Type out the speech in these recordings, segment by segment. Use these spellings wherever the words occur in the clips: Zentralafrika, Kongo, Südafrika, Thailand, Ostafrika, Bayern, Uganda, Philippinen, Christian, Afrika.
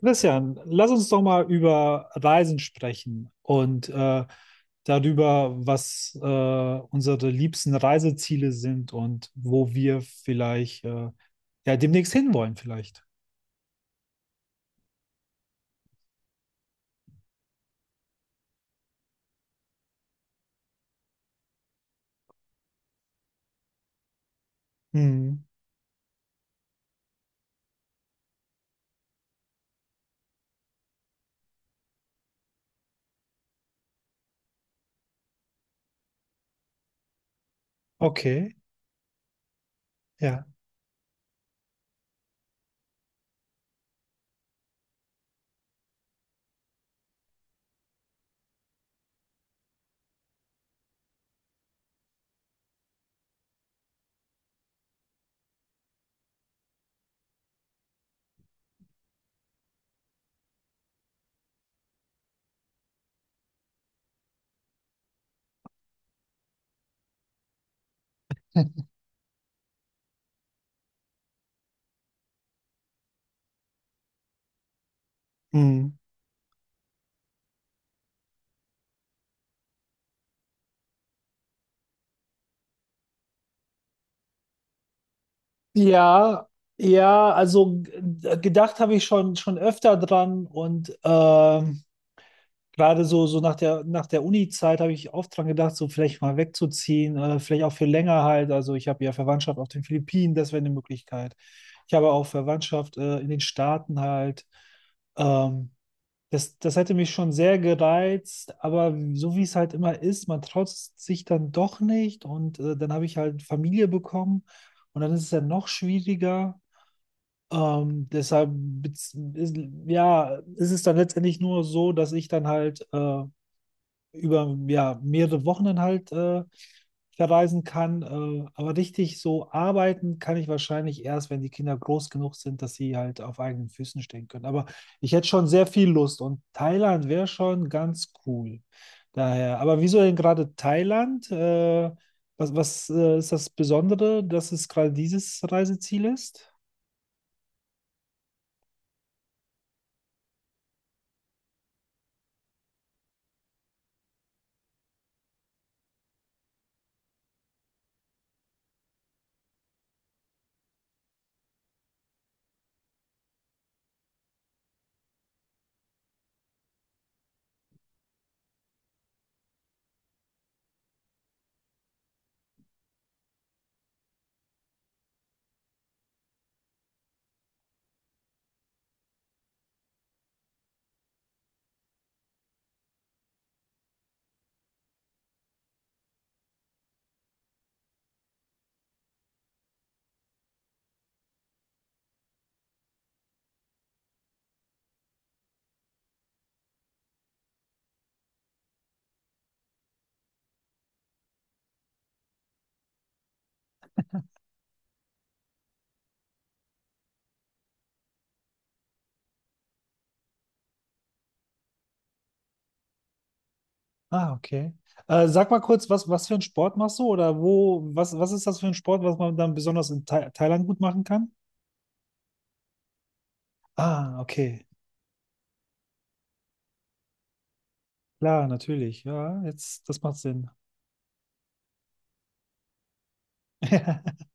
Christian, lass uns doch mal über Reisen sprechen und darüber, was unsere liebsten Reiseziele sind und wo wir vielleicht ja demnächst hinwollen vielleicht. Hm, okay, ja. Hm. Ja, ja, also g- gedacht habe ich schon öfter dran und gerade so, nach der Uni-Zeit habe ich oft dran gedacht, so vielleicht mal wegzuziehen, vielleicht auch für länger halt. Also ich habe ja Verwandtschaft auf den Philippinen, das wäre eine Möglichkeit. Ich habe auch Verwandtschaft in den Staaten halt. Ähm, das hätte mich schon sehr gereizt, aber so wie es halt immer ist, man traut sich dann doch nicht und dann habe ich halt Familie bekommen und dann ist es ja noch schwieriger. Deshalb ja, ist es dann letztendlich nur so, dass ich dann halt über ja, mehrere Wochen dann halt verreisen kann. Aber richtig so arbeiten kann ich wahrscheinlich erst, wenn die Kinder groß genug sind, dass sie halt auf eigenen Füßen stehen können. Aber ich hätte schon sehr viel Lust und Thailand wäre schon ganz cool. Daher, aber wieso denn gerade Thailand? Was ist das Besondere, dass es gerade dieses Reiseziel ist? Ah, okay. Sag mal kurz, was für einen Sport machst du oder wo, was ist das für ein Sport, was man dann besonders in Thailand gut machen kann? Ah, okay. Klar, natürlich. Ja, jetzt, das macht Sinn.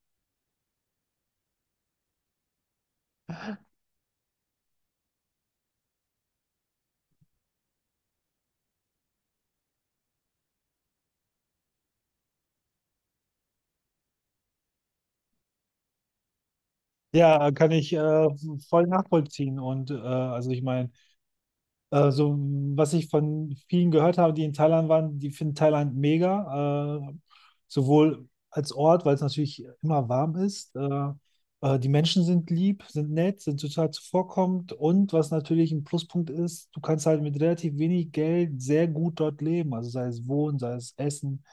Ja, kann ich voll nachvollziehen. Und also ich meine, so was ich von vielen gehört habe, die in Thailand waren, die finden Thailand mega. Sowohl als Ort, weil es natürlich immer warm ist. Die Menschen sind lieb, sind nett, sind total zuvorkommend. Und was natürlich ein Pluspunkt ist, du kannst halt mit relativ wenig Geld sehr gut dort leben. Also sei es Wohnen, sei es Essen.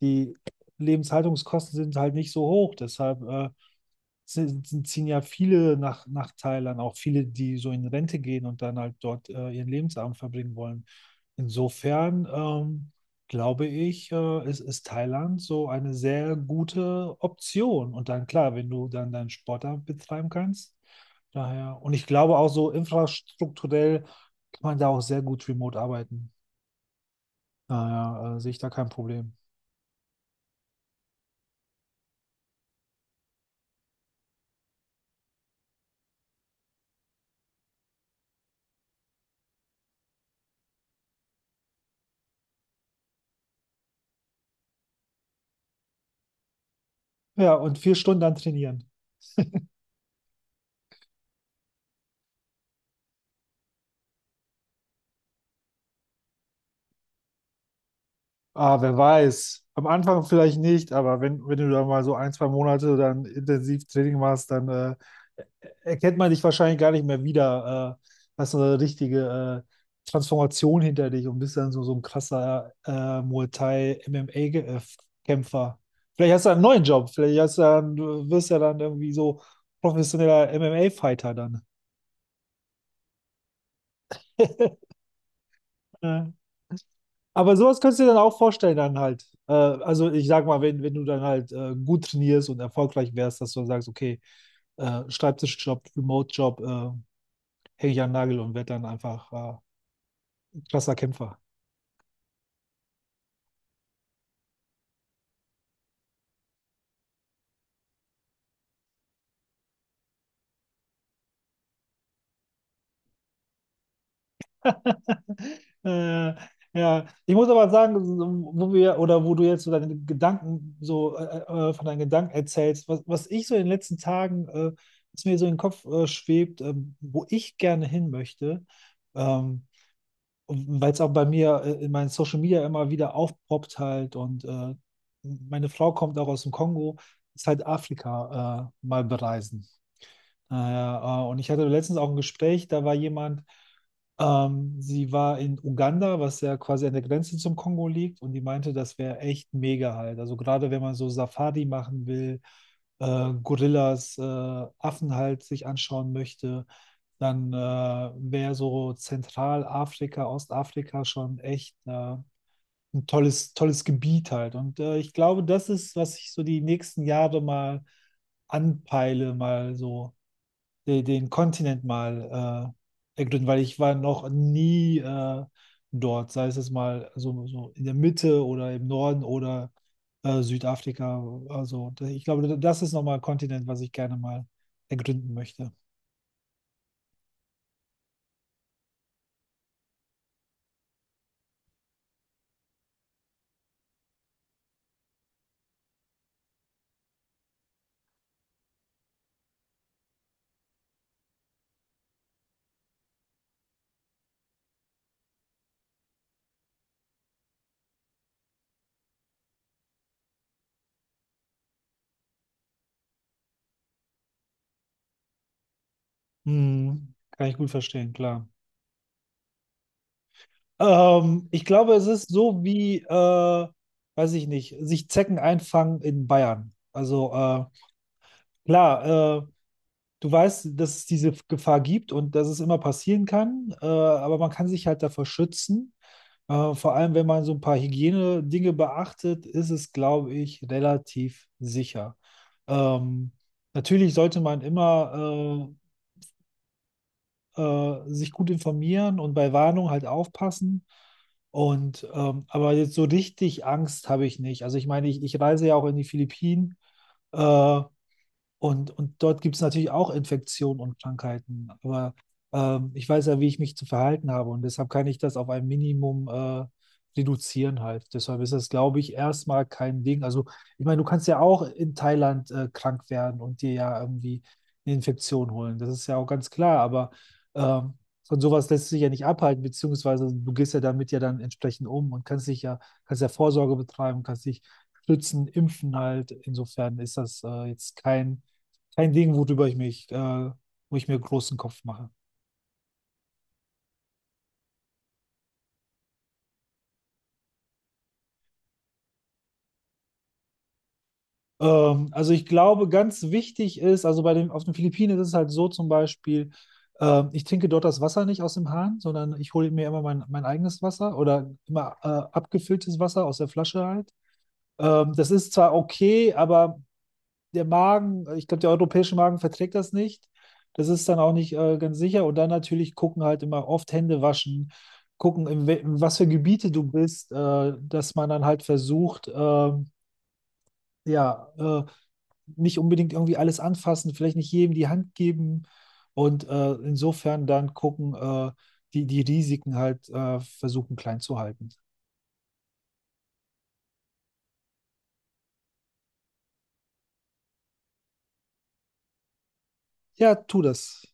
Die Lebenshaltungskosten sind halt nicht so hoch. Deshalb ziehen ja viele nach Thailand, auch viele, die so in Rente gehen und dann halt dort ihren Lebensabend verbringen wollen. Insofern glaube ich, ist Thailand so eine sehr gute Option. Und dann klar, wenn du dann deinen Sport da betreiben kannst. Daher, und ich glaube auch so infrastrukturell kann man da auch sehr gut remote arbeiten. Daher sehe ich da kein Problem. Ja, und vier Stunden dann trainieren. Ah, wer weiß. Am Anfang vielleicht nicht, aber wenn du da mal so ein, zwei Monate dann intensiv Training machst, dann erkennt man dich wahrscheinlich gar nicht mehr wieder. Hast so eine richtige Transformation hinter dich und bist dann so, so ein krasser Muay Thai-MMA-Kämpfer. Vielleicht hast du einen neuen Job, vielleicht hast du dann, du wirst ja dann irgendwie so professioneller MMA-Fighter dann. Aber sowas kannst du dir dann auch vorstellen, dann halt. Also ich sag mal, wenn du dann halt gut trainierst und erfolgreich wärst, dass du dann sagst, okay, Schreibtischjob, Remote-Job, hänge ich an den Nagel und werde dann einfach krasser Kämpfer. Äh, ja, ich muss aber sagen, so, wo wir oder wo du jetzt so deine Gedanken so von deinen Gedanken erzählst, was ich so in den letzten Tagen, was mir so in den Kopf schwebt, wo ich gerne hin möchte. Ähm, Weil es auch bei mir in meinen Social Media immer wieder aufpoppt halt und meine Frau kommt auch aus dem Kongo, ist halt Afrika mal bereisen. Ah ja, und ich hatte letztens auch ein Gespräch, da war jemand, sie war in Uganda, was ja quasi an der Grenze zum Kongo liegt, und die meinte, das wäre echt mega halt. Also gerade wenn man so Safari machen will, Gorillas, Affen halt sich anschauen möchte, dann wäre so Zentralafrika, Ostafrika schon echt ein tolles, tolles Gebiet halt. Und ich glaube, das ist, was ich so die nächsten Jahre mal anpeile, mal so den Kontinent mal ergründen, weil ich war noch nie dort, sei es jetzt mal so, so in der Mitte oder im Norden oder Südafrika. Also ich glaube, das ist nochmal ein Kontinent, was ich gerne mal ergründen möchte. Hm, kann ich gut verstehen, klar. Ich glaube, es ist so wie, weiß ich nicht, sich Zecken einfangen in Bayern. Also klar, du weißt, dass es diese Gefahr gibt und dass es immer passieren kann, aber man kann sich halt davor schützen. Vor allem, wenn man so ein paar Hygienedinge beachtet, ist es, glaube ich, relativ sicher. Ähm, Natürlich sollte man immer sich gut informieren und bei Warnung halt aufpassen. Und aber jetzt so richtig Angst habe ich nicht. Also ich meine, ich reise ja auch in die Philippinen. Äh, und dort gibt es natürlich auch Infektionen und Krankheiten. Aber ich weiß ja, wie ich mich zu verhalten habe. Und deshalb kann ich das auf ein Minimum reduzieren halt. Deshalb ist das, glaube ich, erstmal kein Ding. Also, ich meine, du kannst ja auch in Thailand krank werden und dir ja irgendwie eine Infektion holen. Das ist ja auch ganz klar. Aber ähm, von sowas lässt sich ja nicht abhalten, beziehungsweise du gehst ja damit ja dann entsprechend um und kannst dich ja, kannst ja Vorsorge betreiben, kannst dich schützen, impfen halt. Insofern ist das jetzt kein Ding, worüber ich mich, wo ich mir großen Kopf mache. Also ich glaube, ganz wichtig ist, also bei dem, auf den Philippinen ist es halt so zum Beispiel, ich trinke dort das Wasser nicht aus dem Hahn, sondern ich hole mir immer mein eigenes Wasser oder immer abgefülltes Wasser aus der Flasche halt. Das ist zwar okay, aber der Magen, ich glaube, der europäische Magen verträgt das nicht. Das ist dann auch nicht ganz sicher. Und dann natürlich gucken halt immer oft Hände waschen, gucken, in was für Gebiete du bist, dass man dann halt versucht, ja, nicht unbedingt irgendwie alles anfassen, vielleicht nicht jedem die Hand geben und insofern dann gucken, die Risiken halt versuchen klein zu halten. Ja, tu das.